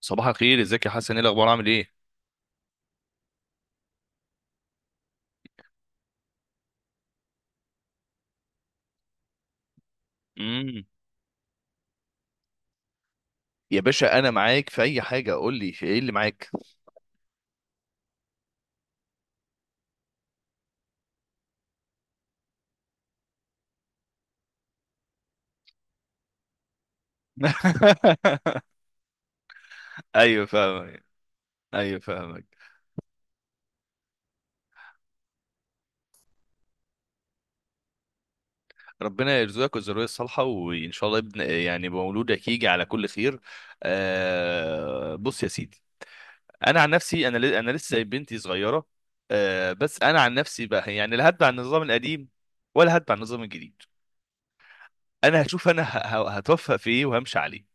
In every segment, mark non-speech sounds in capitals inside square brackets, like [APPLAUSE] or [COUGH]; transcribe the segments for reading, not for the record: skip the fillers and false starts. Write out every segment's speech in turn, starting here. صباح الخير، ازيك يا حسن؟ ايه الاخبار؟ عامل ايه؟ امم يا باشا انا معاك في اي حاجه، قول لي في ايه اللي معاك؟ [LAUGHS] ايوه فاهمك. ايوه فاهمك. ربنا يرزقك الذريه الصالحه، وان شاء الله ابن، يعني مولودك يجي على كل خير. آه، بص يا سيدي. انا عن نفسي، انا لسه بنتي صغيره. بس انا عن نفسي بقى، يعني لا هتبع النظام القديم ولا هتبع النظام الجديد. انا هشوف، انا هتوفق في ايه وهمشي عليه.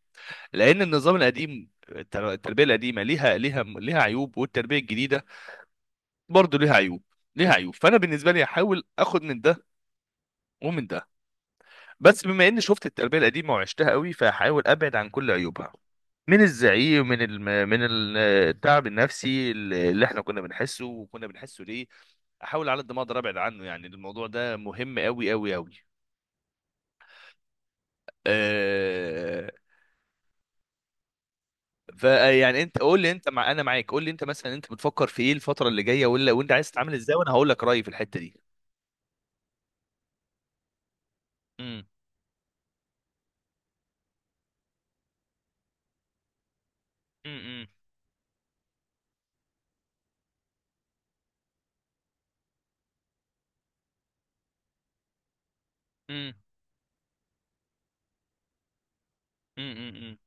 لان النظام القديم، التربيه القديمه ليها عيوب، والتربيه الجديده برضو ليها عيوب. فانا بالنسبه لي هحاول اخد من ده ومن ده. بس بما اني شفت التربيه القديمه وعشتها قوي، فهحاول ابعد عن كل عيوبها، من الزعيق، من ال- التعب النفسي اللي احنا كنا بنحسه، وكنا بنحسه ليه. احاول على قد ما اقدر ابعد عنه. يعني الموضوع ده مهم قوي قوي قوي. فيعني انت قول لي، انت مع انا معاك، قول لي انت مثلا انت بتفكر في ايه الفتره اللي جايه؟ ولا وانت عايز تتعامل ازاي؟ وانا هقول لك رايي في الحته دي. مم. مم. مم. مم. مم.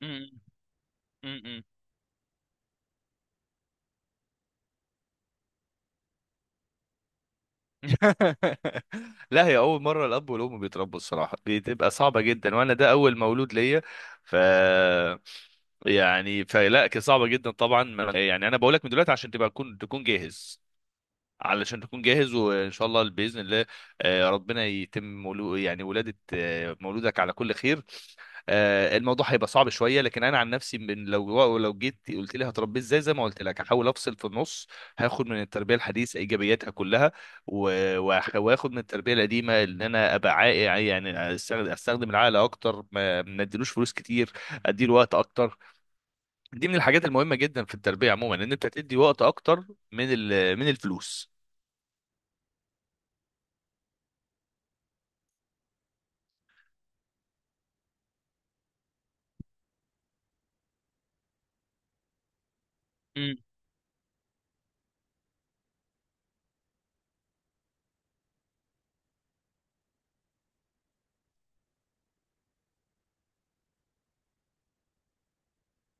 مم. مم. [LAUGHS] لا، هي اول مره الاب والام بيتربوا، الصراحه بتبقى صعبه جدا، وانا ده اول مولود ليا. ف يعني فلا، كانت صعبه جدا طبعا، يعني انا بقول لك من دلوقتي عشان تبقى تكون جاهز، علشان تكون جاهز، وان شاء الله باذن الله. ربنا يتم يعني ولاده، مولودك على كل خير. الموضوع هيبقى صعب شويه، لكن انا عن نفسي لو جيت قلت لي هتربيه ازاي، زي ما قلت لك هحاول افصل في النص. هاخد من التربيه الحديثه ايجابياتها كلها، واخد من التربيه القديمه ان انا ابقى عاقل. يعني أستخدم العقل اكتر، ما اديلوش فلوس كتير، اديله وقت اكتر. دي من الحاجات المهمه جدا في التربيه عموما، ان انت تدي وقت اكتر من الفلوس.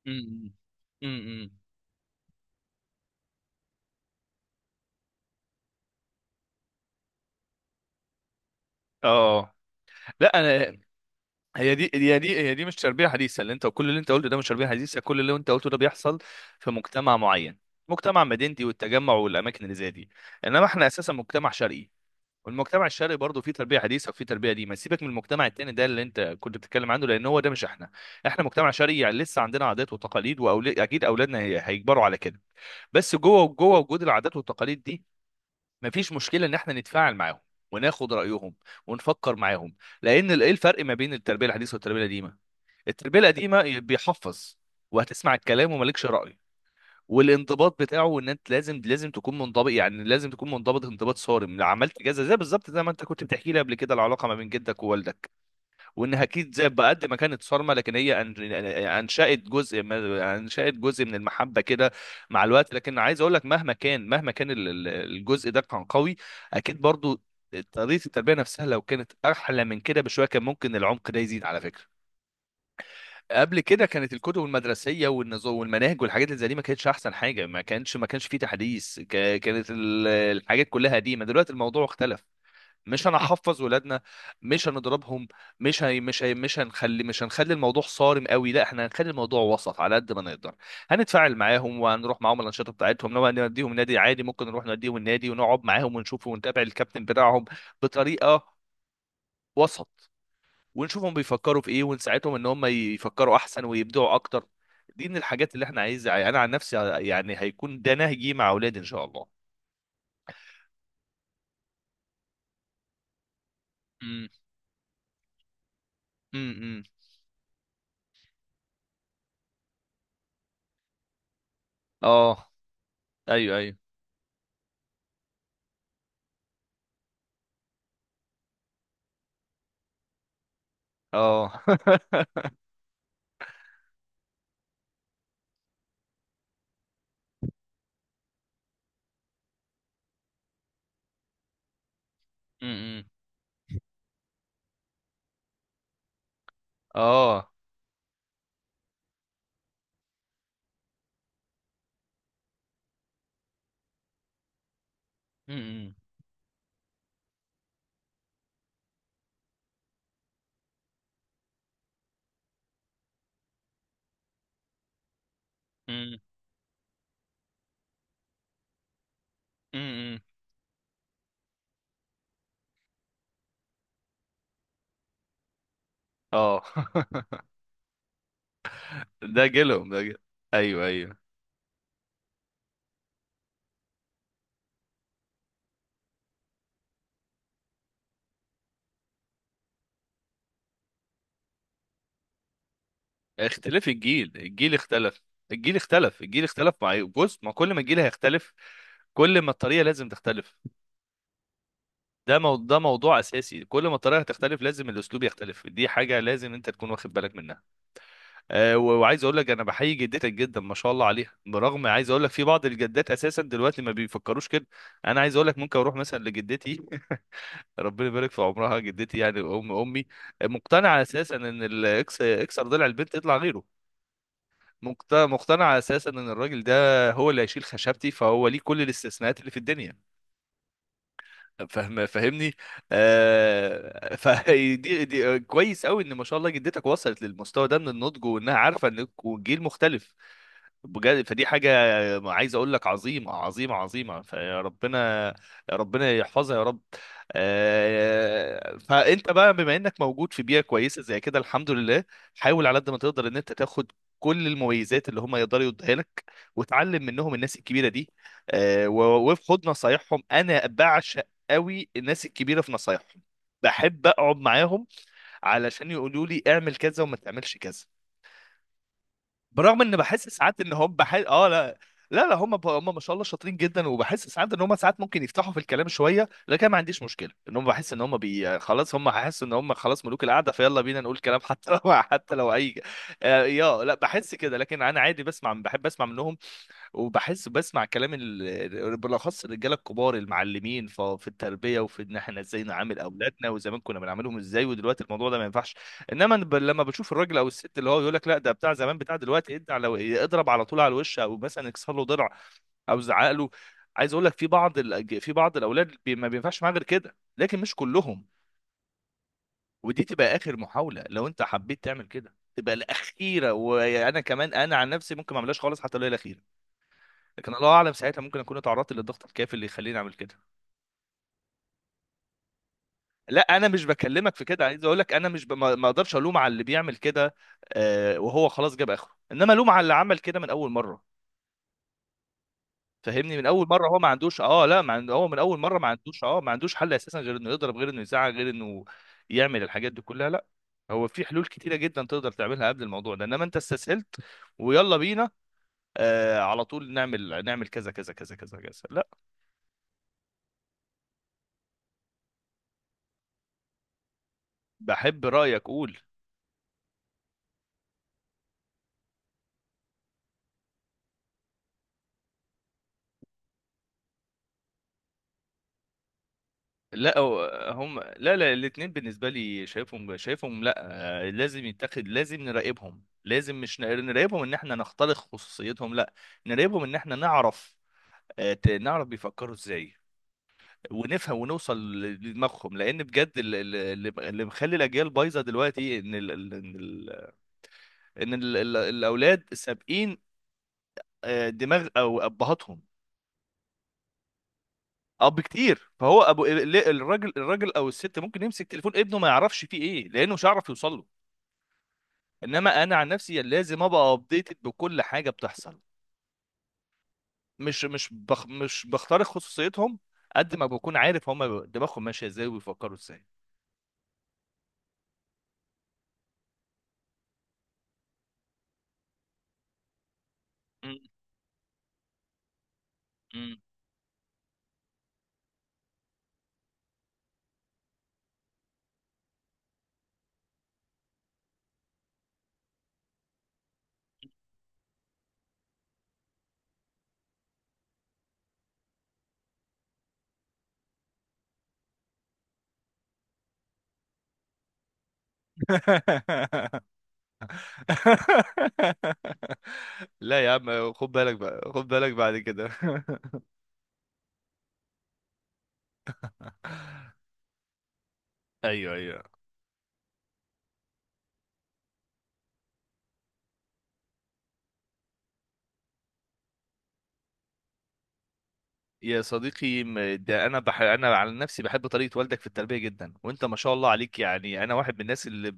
امم امم اه، لا، انا هي دي مش تربيه حديثه. اللي انت كل اللي انت قلته ده مش تربيه حديثه. كل اللي انت قلته ده بيحصل في مجتمع معين، مجتمع مدينتي والتجمع والاماكن اللي زي دي. انما احنا اساسا مجتمع شرقي، والمجتمع الشرقي برضه فيه تربيه حديثه وفيه تربيه. دي، ما سيبك من المجتمع التاني ده اللي انت كنت بتتكلم عنه، لان هو ده مش احنا. احنا مجتمع شرقي، يعني لسه عندنا عادات وتقاليد، واكيد اولادنا هيكبروا على كده. بس جوه جوه وجود العادات والتقاليد دي، مفيش مشكله ان احنا نتفاعل معاهم، وناخد رايهم، ونفكر معاهم. لان ايه الفرق ما بين التربيه الحديثه والتربيه القديمه؟ التربيه القديمه بيحفظ، وهتسمع الكلام، ومالكش راي. والانضباط بتاعه ان انت لازم تكون منضبط، يعني لازم تكون منضبط انضباط صارم لو عملت كذا، زي بالظبط زي ما انت كنت بتحكي لي قبل كده، العلاقه ما بين جدك ووالدك، وانها اكيد زي بقد ما كانت صارمه، لكن هي انشات جزء، انشات جزء من المحبه كده مع الوقت. لكن عايز اقول لك، مهما كان الجزء ده كان قوي، اكيد برضو طريقه التربيه نفسها لو كانت احلى من كده بشويه، كان ممكن العمق ده يزيد على فكره. قبل كده كانت الكتب المدرسيه والنظام والمناهج والحاجات اللي زي دي ما كانتش احسن حاجه، ما كانش فيه تحديث، كانت الحاجات كلها قديمه. دلوقتي الموضوع اختلف، مش هنحفظ ولادنا، مش هنضربهم، مش هنخلي الموضوع صارم قوي. لا، احنا هنخلي الموضوع وسط على قد ما نقدر، هنتفاعل معاهم، وهنروح معاهم الانشطه بتاعتهم. لو هنوديهم نادي عادي، ممكن نروح نوديهم النادي ونقعد معاهم ونشوف ونتابع الكابتن بتاعهم بطريقه وسط، ونشوفهم بيفكروا في ايه، ونساعدهم ان هم يفكروا احسن ويبدعوا اكتر. دي من الحاجات اللي احنا عايزها. انا عن نفسي يعني هيكون ده نهجي مع اولادي ان شاء الله. امم امم اه. ايوه ايوه. اه. [LAUGHS] اه. امم امم امم اه. [LAUGHS] ده جيلهم، ده جيل. ايوه ايوه. اختلاف الجيل، الجيل اختلف. بص، ما كل ما الجيل هيختلف، كل ما الطريقه لازم تختلف. ده موضوع اساسي، كل ما الطريقه هتختلف لازم الاسلوب يختلف. دي حاجه لازم انت تكون واخد بالك منها. وعايز اقول لك انا بحيي جدتك جدا، ما شاء الله عليها، برغم عايز اقول لك في بعض الجدات اساسا دلوقتي ما بيفكروش كده. انا عايز اقول لك ممكن اروح مثلا لجدتي، ربنا يبارك في عمرها، جدتي يعني ام امي، مقتنعه اساسا ان اكسر ضلع البنت يطلع غيره. مقتنعه اساسا ان الراجل ده هو اللي هيشيل خشبتي، فهو ليه كل الاستثناءات اللي في الدنيا. فاهم؟ فاهمني؟ [LAUGHS] فدي كويس قوي ان ما شاء الله جدتك وصلت للمستوى ده من النضج، وانها عارفه ان الجيل مختلف. بجد فدي حاجة، عايز أقول لك، عظيمة عظيمة عظيمة. فربنا يحفظها يا رب. فأنت بقى، بما إنك موجود في بيئة كويسة زي كده، الحمد لله، حاول على قد ما تقدر إن أنت تاخد كل المميزات اللي هم يقدروا يدوها لك، وتعلم منهم، الناس الكبيرة دي. وخد نصايحهم. أنا بعشق قوي الناس الكبيرة في نصايحهم، بحب أقعد معاهم علشان يقولوا لي اعمل كذا وما تعملش كذا، برغم ان بحس ساعات ان هم بحس اه لا. لا لا، هم هم ما شاء الله شاطرين جدا، وبحس ساعات ان هم ساعات ممكن يفتحوا في الكلام شويه، لكن ما عنديش مشكله. ان هم بحس ان هم خلاص هم هيحسوا ان هم خلاص ملوك القعده، فيلا بينا نقول كلام حتى لو [LAUGHS] حتى لو اي. يا لا، بحس كده، لكن انا عادي بسمع، بحب اسمع منهم، وبحس بسمع كلام بالاخص الرجاله الكبار المعلمين في التربيه، وفي ان احنا ازاي نعامل اولادنا، وزمان كنا بنعاملهم ازاي، ودلوقتي الموضوع ده ما ينفعش. انما أنا لما بشوف الراجل او الست اللي هو يقول لك لا ده بتاع زمان بتاع دلوقتي، ادي على، اضرب على طول على الوش، او مثلا اكسر له ضلع، او زعق له. عايز اقول لك في بعض الاولاد ما بينفعش معاه غير كده، لكن مش كلهم. ودي تبقى اخر محاوله، لو انت حبيت تعمل كده تبقى الاخيره، وانا كمان انا عن نفسي ممكن ما اعملهاش خالص حتى لو هي الاخيره. لكن الله اعلم ساعتها ممكن اكون اتعرضت للضغط الكافي اللي يخليني اعمل كده. لا، انا مش بكلمك في كده. عايز اقول لك انا مش ما اقدرش الوم على اللي بيعمل كده وهو خلاص جاب اخره، انما الوم على اللي عمل كده من اول مره. فهمني؟ من اول مره هو ما عندوش، اه لا، ما عنده هو من اول مره ما عندوش، ما عندوش حل اساسا غير انه يضرب، غير انه يزعق، غير انه يعمل الحاجات دي كلها، لا. هو في حلول كتيره جدا تقدر تعملها قبل الموضوع ده، انما انت استسهلت، ويلا بينا على طول نعمل كذا كذا كذا كذا كذا، لا. بحب رايك، قول. لا، هم، لا لا، الاثنين بالنسبه لي شايفهم، شايفهم، لا. لازم يتاخد، لازم نراقبهم. لازم مش نراقبهم ان احنا نخترق خصوصيتهم، لا. نراقبهم ان احنا نعرف، نعرف بيفكروا ازاي، ونفهم، ونوصل لدماغهم. لان بجد اللي مخلي الاجيال بايظه دلوقتي، ان ال ال- ان ال ان ال ال الاولاد سابقين دماغ او ابهاتهم اب كتير، فهو ابو الراجل او الست ممكن يمسك تليفون ابنه ما يعرفش فيه ايه، لانه مش هيعرف يوصل له. انما انا عن نفسي لازم ابقى ابديتد بكل حاجه بتحصل، مش بخترق خصوصيتهم قد ما بكون عارف هما دماغهم ماشيه ازاي وبيفكروا ازاي. مم. مم. [LAUGHS] لا يا عم، خد بالك بقى، خد بالك بعد كده. [LAUGHS] ايوه ايوه. يا صديقي، ده انا انا على نفسي بحب طريقه والدك في التربيه جدا. وانت ما شاء الله عليك، يعني انا واحد من الناس اللي ب...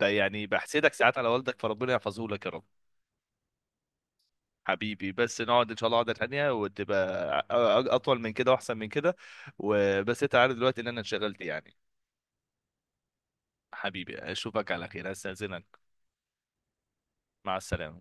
ب... يعني بحسدك ساعات على والدك. فربنا يحفظه لك يا رب. حبيبي، بس نقعد ان شاء الله قعده تانيه وتبقى اطول من كده واحسن من كده. وبس انت عارف دلوقتي ان انا انشغلت يعني. حبيبي، اشوفك على خير، استاذنك. مع السلامه.